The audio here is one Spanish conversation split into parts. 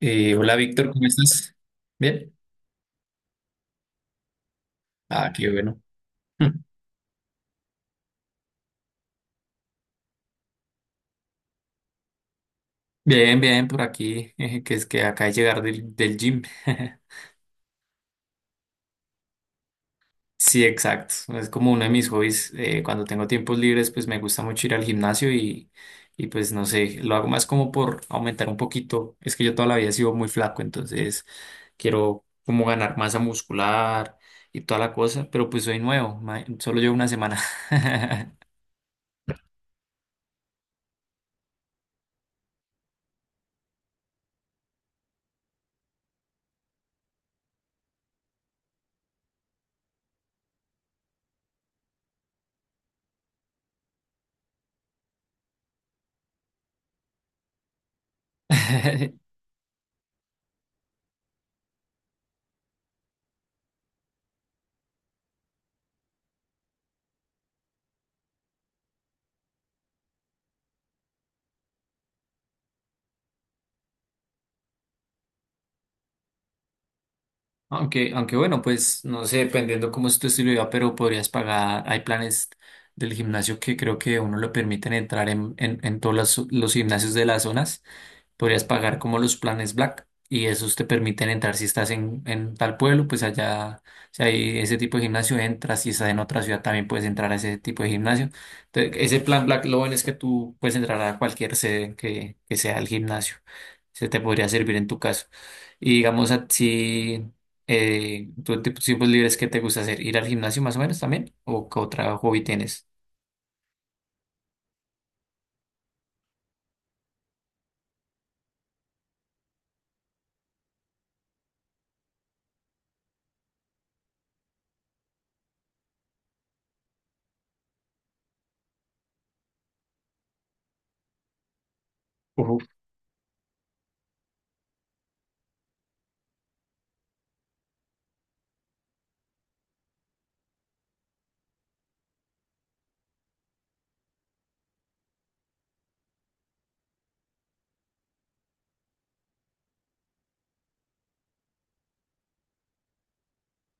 Hola Víctor, ¿cómo estás? Bien. Ah, qué bueno. Bien, bien, por aquí, que es que acá de llegar del gym. Sí, exacto. Es como uno de mis hobbies. Cuando tengo tiempos libres, pues me gusta mucho ir al gimnasio y pues no sé, lo hago más como por aumentar un poquito. Es que yo toda la vida he sido muy flaco, entonces quiero como ganar masa muscular y toda la cosa, pero pues soy nuevo, solo llevo una semana. Aunque, aunque bueno, pues no sé, dependiendo cómo es tu estilo de vida, pero podrías pagar, hay planes del gimnasio que creo que uno lo permiten entrar en todos los gimnasios de las zonas, podrías pagar como los planes Black y esos te permiten entrar si estás en tal pueblo, pues allá, si hay ese tipo de gimnasio, entras, si estás en otra ciudad también puedes entrar a ese tipo de gimnasio. Entonces, ese plan Black, lo bueno es que tú puedes entrar a cualquier sede que sea el gimnasio. Se te podría servir en tu caso. Y digamos, a ti, tú en tus tiempos libres, ¿qué te gusta hacer? ¿Ir al gimnasio más o menos también? ¿O qué otro hobby tienes? Uf.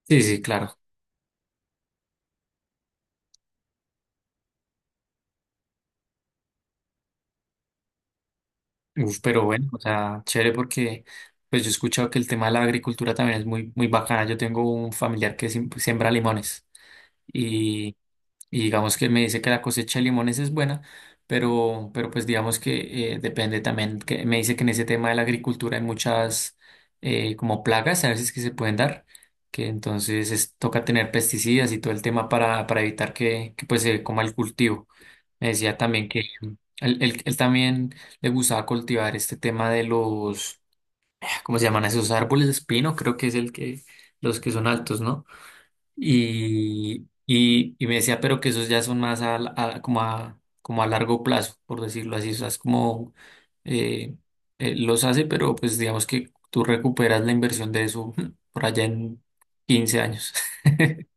Sí, sí, claro. Uf, pero bueno, o sea, chévere porque pues yo he escuchado que el tema de la agricultura también es muy, muy bacana. Yo tengo un familiar que siembra limones y, y digamos que me dice que la cosecha de limones es buena, pero pues digamos que depende también, que me dice que en ese tema de la agricultura hay muchas, como plagas a veces que se pueden dar, que entonces toca tener pesticidas y todo el tema para evitar que pues se coma el cultivo. Me decía también que él, él también le gustaba cultivar este tema de los, ¿cómo se llaman esos árboles? Espino, creo que es el que, los que son altos, ¿no? Y me decía, pero que esos ya son más a, como a, como a largo plazo, por decirlo así. O sea, es como eh, los hace, pero pues digamos que tú recuperas la inversión de eso por allá en 15 años.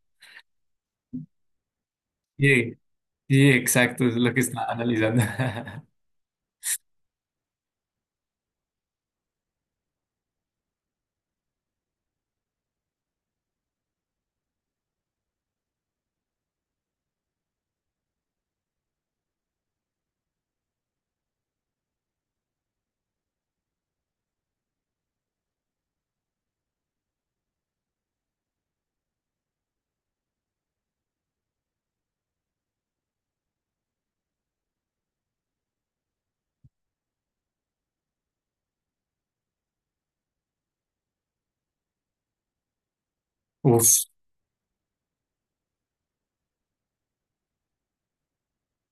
Sí, sí, exacto, es lo que estaba analizando. Uf,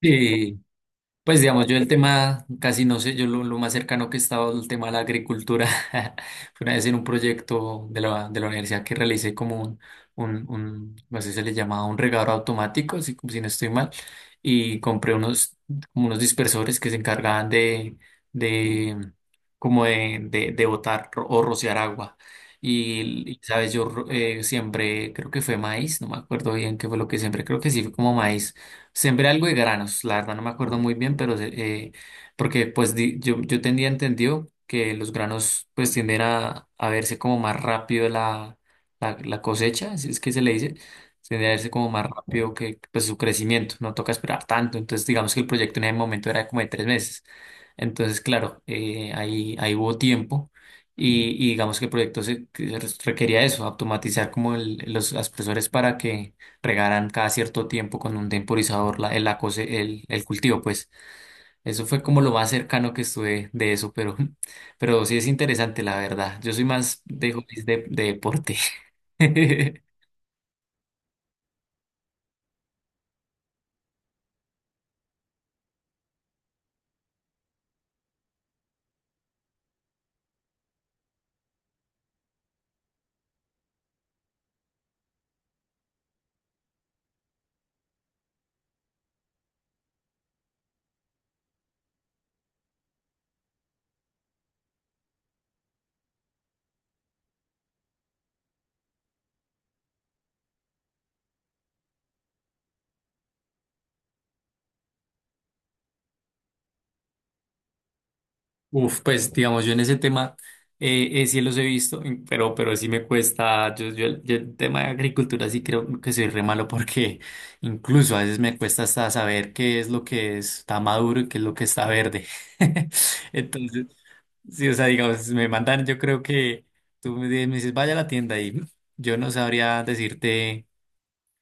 sí. Pues digamos, yo el tema casi no sé, yo lo más cercano que he estado al tema de la agricultura fue una vez en un proyecto de la universidad que realicé como un, no sé si se le llamaba un regador automático, si, si no estoy mal, y compré unos, como unos dispersores que se encargaban de como de botar o rociar agua. Y, sabes, yo siembré, creo que fue maíz, no me acuerdo bien qué fue lo que siembré, creo que sí fue como maíz. Sembré algo de granos, la verdad no me acuerdo muy bien, pero eh, porque pues yo, yo tenía entendido que los granos pues tienden a verse como más rápido la, la, la cosecha, si es que se le dice, tiende a verse como más rápido que pues su crecimiento, no toca esperar tanto, entonces digamos que el proyecto en ese momento era como de 3 meses, entonces claro, ahí, ahí hubo tiempo y digamos que el proyecto se, que se requería eso, automatizar como los aspersores para que regaran cada cierto tiempo con un temporizador la, el, el cultivo, pues eso fue como lo más cercano que estuve de eso, pero, pero sí es interesante, la verdad. Yo soy más de hobbies de deporte. Uf, pues digamos, yo en ese tema sí los he visto, pero sí me cuesta, yo el tema de agricultura sí creo que soy re malo porque incluso a veces me cuesta hasta saber qué es lo que está maduro y qué es lo que está verde. Entonces, sí, o sea, digamos, me mandan, yo creo que tú me dices, vaya a la tienda y yo no sabría decirte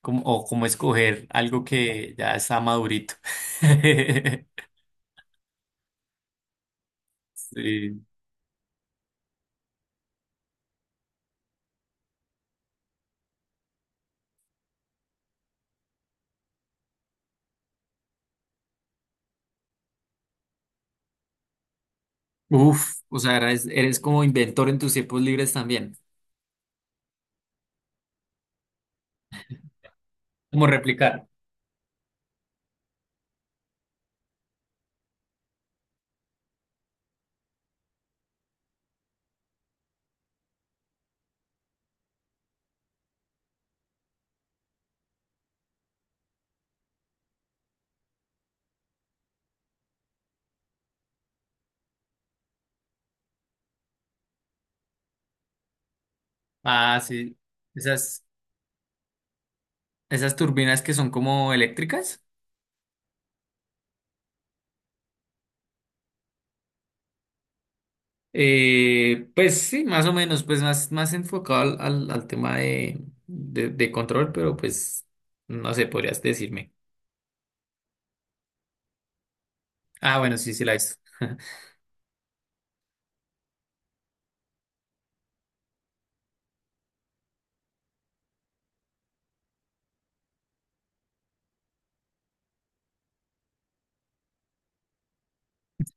cómo, o cómo escoger algo que ya está madurito. Sí. Uf, o sea, eres, eres como inventor en tus tiempos libres también. ¿Como replicar? Ah, sí. Esas, esas turbinas que son como eléctricas. Pues sí, más o menos, pues más, más enfocado al, al, al tema de control, pero pues no sé, podrías decirme. Ah, bueno, sí, sí la he visto.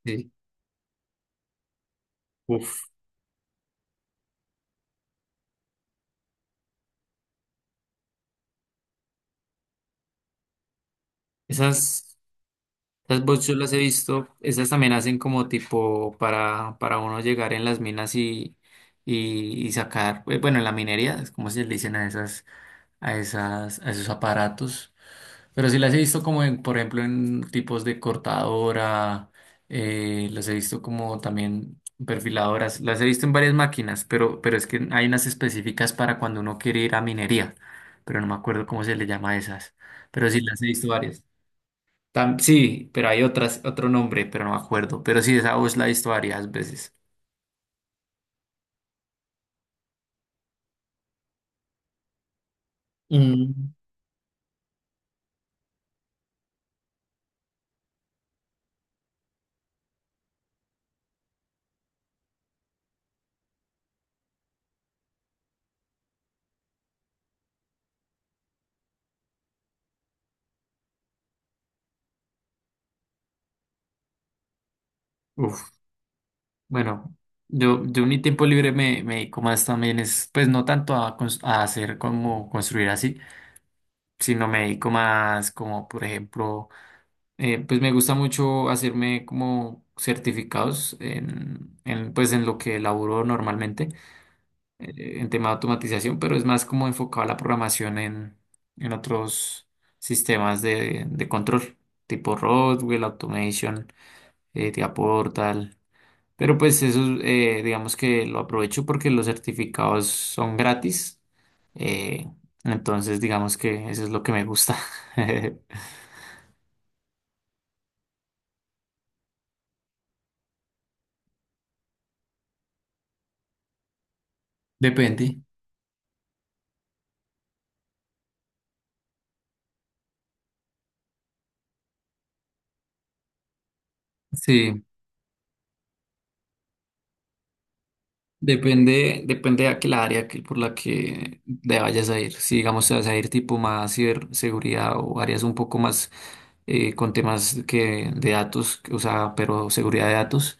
Sí. Uf. Esas. Esas bots yo las he visto, esas también hacen como tipo para uno llegar en las minas y sacar, bueno, en la minería, es como se le dicen a esas, a esas, a esos aparatos. Pero sí las he visto como en, por ejemplo, en tipos de cortadora, las he visto como también perfiladoras, las he visto en varias máquinas, pero es que hay unas específicas para cuando uno quiere ir a minería, pero no me acuerdo cómo se le llama a esas. Pero sí las he visto varias. Sí, pero hay otras, otro nombre, pero no me acuerdo. Pero sí, esa voz la he visto varias veces. Mm. Uf, bueno, yo en mi tiempo libre me, me dedico más también es, pues no tanto a, a hacer como construir así, sino me dedico más como, por ejemplo, pues me gusta mucho hacerme como certificados en, pues en lo que laburo normalmente. En tema de automatización, pero es más como enfocado a la programación en otros sistemas de control, tipo Rockwell, Automation, Tia Portal. Pero pues eso, digamos que lo aprovecho porque los certificados son gratis. eh, entonces, digamos que eso es lo que me gusta. Depende. Sí. Depende, depende de aquel área que, por la que te vayas a ir. Si digamos te vas a ir tipo más ciberseguridad o áreas un poco más, con temas que, de datos, o sea, pero seguridad de datos,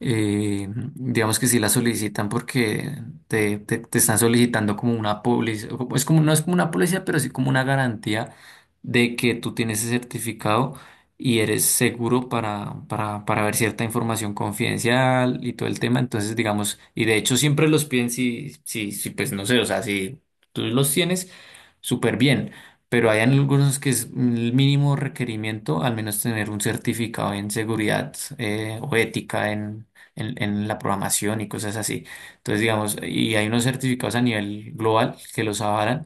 eh, digamos que sí la solicitan porque te, te están solicitando como una póliza, o es como, no es como una póliza, pero sí como una garantía de que tú tienes ese certificado y eres seguro para ver cierta información confidencial y todo el tema. Entonces, digamos, y de hecho siempre los piden si, si, si, pues no sé, o sea, si tú los tienes, súper bien. Pero hay algunos que es el mínimo requerimiento, al menos tener un certificado en seguridad, o ética en la programación y cosas así. Entonces, digamos, y hay unos certificados a nivel global que los avalan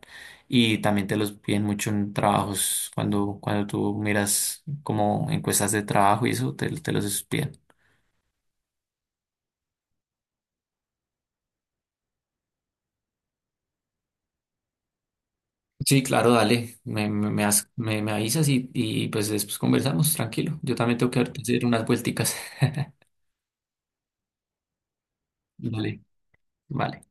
y también te los piden mucho en trabajos, cuando, cuando tú miras como encuestas de trabajo y eso, te los piden. Sí, claro, dale, me, me avisas y pues después conversamos, tranquilo. Yo también tengo que hacer unas vuelticas. Vale, vale.